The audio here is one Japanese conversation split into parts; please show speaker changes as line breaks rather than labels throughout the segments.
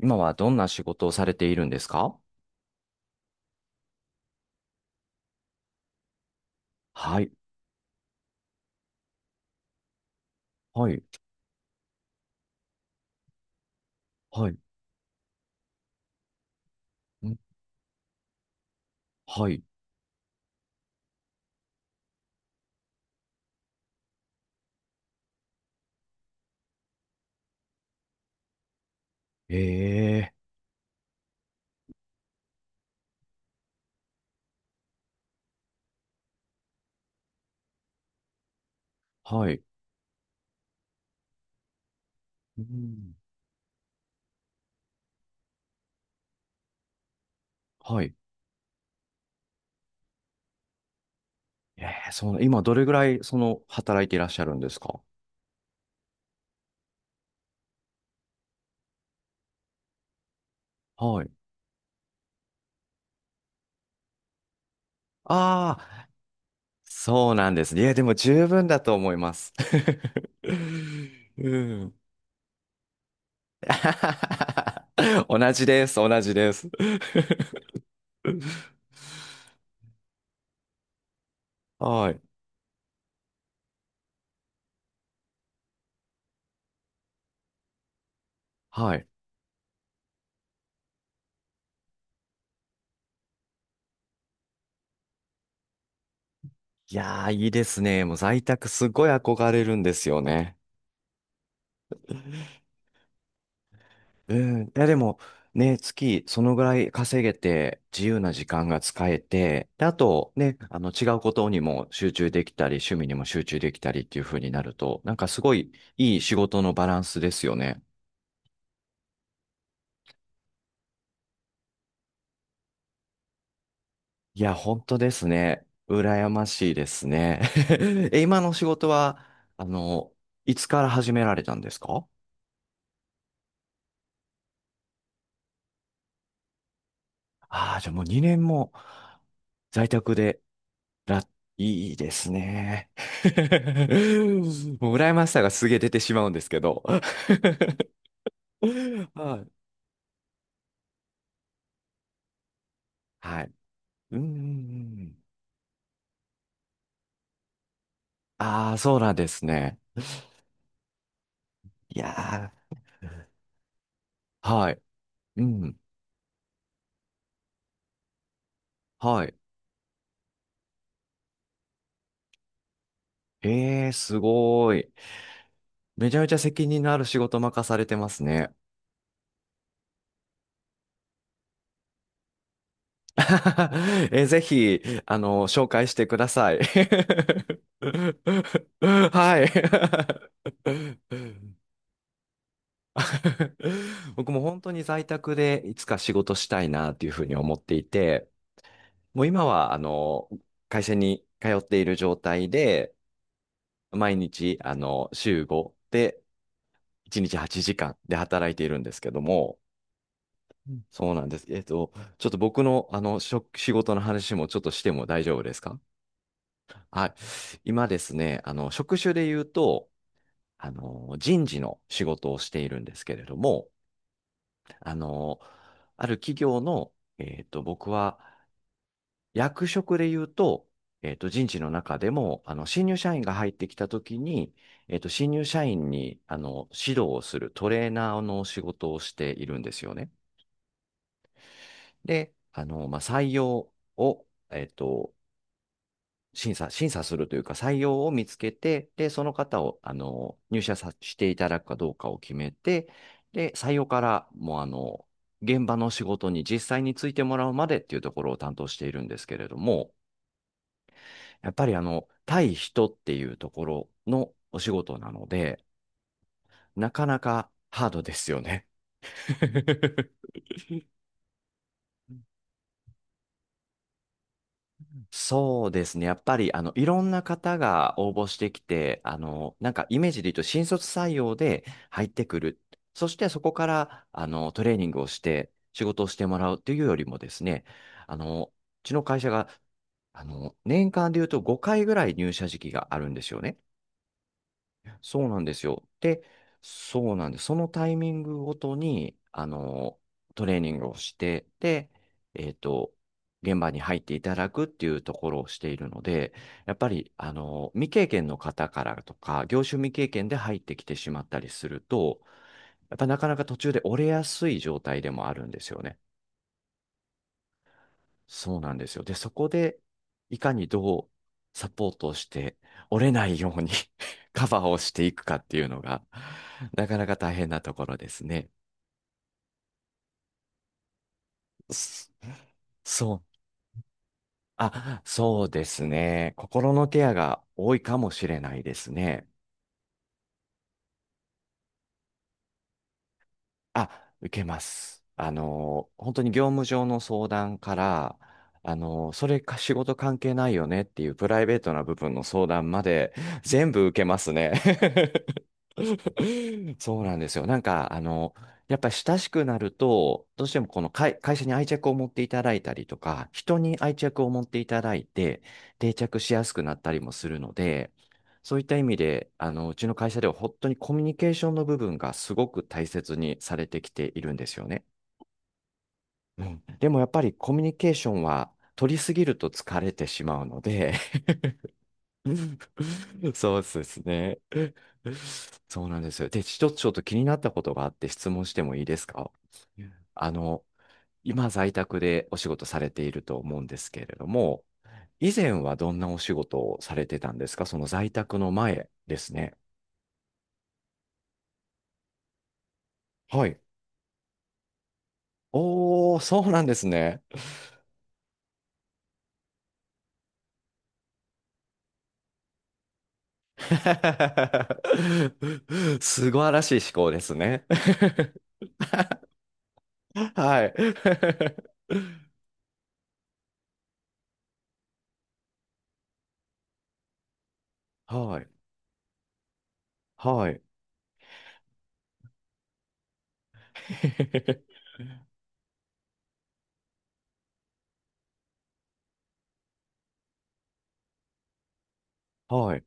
今はどんな仕事をされているんですか？はい、はい、はい、んはい、ええ、はい、うん、はい。ええ、その、今どれぐらい、その、働いていらっしゃるんですか？はい。ああ、そうなんですね。いや、でも十分だと思います。うん。同じです、同じです。はい、はい。いやー、いいですね。もう在宅すごい憧れるんですよね。うん。いや、でも、ね、月、そのぐらい稼げて、自由な時間が使えて、で、あと、ね、違うことにも集中できたり、趣味にも集中できたりっていう風になると、なんかすごいいい仕事のバランスですよね。いや、本当ですね。羨ましいですね。え、今の仕事は、あの、いつから始められたんですか？ああ、じゃあもう2年も在宅で、ら、いいですね。もう羨ましさがすげえ出てしまうんですけど。はい。はい。うん、うんうん。ああ、そうなんですね。いやー、はい。うん。はい。ええすごい。めちゃめちゃ責任のある仕事任されてますね。え、ぜひ、紹介してください。はい。僕も本当に在宅でいつか仕事したいなっていうふうに思っていて、もう今は、会社に通っている状態で、毎日、週5で1日8時間で働いているんですけども、うんそうなんです。ちょっと僕の、職仕事の話もちょっとしても大丈夫ですか？はい。今ですね、職種で言うと、人事の仕事をしているんですけれども、あの、ある企業の、僕は役職で言うと、人事の中でも、新入社員が入ってきたときに、新入社員に、指導をするトレーナーの仕事をしているんですよね。で、まあ、採用を、審査するというか、採用を見つけて、で、その方を、入社さしていただくかどうかを決めて、で、採用から、もう、現場の仕事に実際についてもらうまでっていうところを担当しているんですけれども、やっぱり、対人っていうところのお仕事なので、なかなかハードですよね。そうですね。やっぱり、いろんな方が応募してきて、なんかイメージで言うと新卒採用で入ってくる。そしてそこから、トレーニングをして仕事をしてもらうっていうよりもですね、うちの会社が、年間で言うと5回ぐらい入社時期があるんですよね。そうなんですよ。で、そうなんです。そのタイミングごとに、トレーニングをして、で、えっと、現場に入っていただくっていうところをしているので、やっぱり、未経験の方からとか、業種未経験で入ってきてしまったりすると、やっぱなかなか途中で折れやすい状態でもあるんですよね。そうなんですよ。で、そこで、いかにどうサポートをして、折れないように カバーをしていくかっていうのが、なかなか大変なところですね。そそう。あ、そうですね。心のケアが多いかもしれないですね。あ、受けます。本当に業務上の相談から、それか仕事関係ないよねっていうプライベートな部分の相談まで全部受けますね。そうなんですよ。なんか、やっぱり親しくなると、どうしてもこの会、会社に愛着を持っていただいたりとか、人に愛着を持っていただいて、定着しやすくなったりもするので、そういった意味で、うちの会社では本当にコミュニケーションの部分がすごく大切にされてきているんですよね。うん、でもやっぱりコミュニケーションは取りすぎると疲れてしまうので そうですね。そうなんですよ。で、一つちょっと気になったことがあって質問してもいいですか？あの、今在宅でお仕事されていると思うんですけれども、以前はどんなお仕事をされてたんですか？その在宅の前ですね。はい。おー、そうなんですね。素晴らしい思考ですね。はい。はい。はい。はい。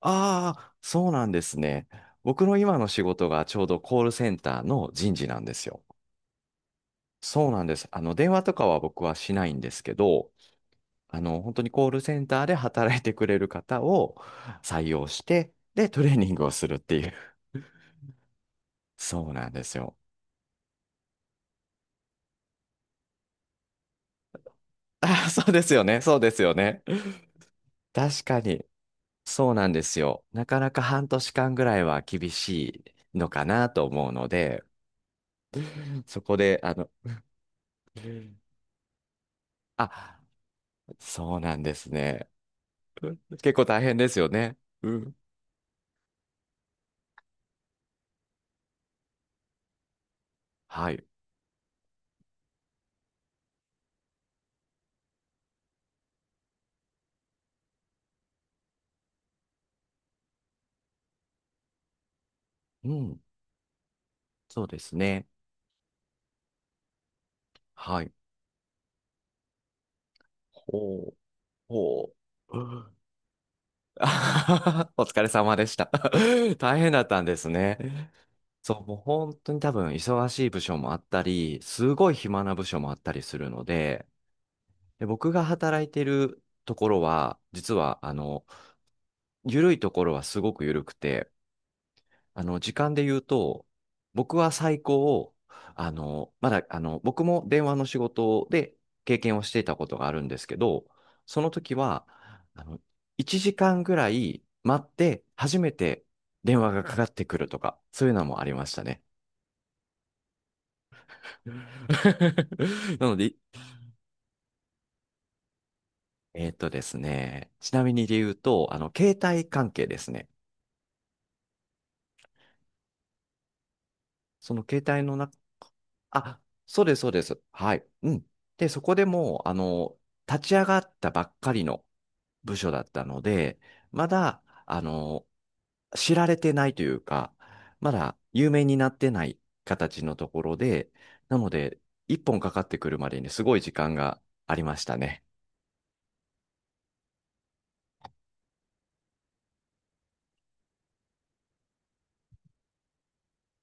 ああ、そうなんですね。僕の今の仕事がちょうどコールセンターの人事なんですよ。そうなんです。電話とかは僕はしないんですけど、本当にコールセンターで働いてくれる方を採用して、で、トレーニングをするっていう。そうなんですよ。あそうですよね。そうですよね。確かに。そうなんですよ。なかなか半年間ぐらいは厳しいのかなと思うので、そこで、あ、そうなんですね。うん結構大変ですよね。うん。はい。うん。そうですね。はい。ほう。ほう。うんあははお疲れ様でした。大変だったんですね。そう、もう本当に多分忙しい部署もあったり、すごい暇な部署もあったりするので、で、僕が働いてるところは、実は、緩いところはすごく緩くて、時間で言うと、僕は最高、まだ、僕も電話の仕事で経験をしていたことがあるんですけど、その時は、あの、1時間ぐらい待って、初めて電話がかかってくるとか、そういうのもありましたね。なので、ですね、ちなみにで言うと、携帯関係ですね。その携帯の中、あ、そうです、そうです。はい。うん。で、そこでもう、立ち上がったばっかりの部署だったので、まだ、知られてないというか、まだ有名になってない形のところで、なので、一本かかってくるまでにすごい時間がありましたね。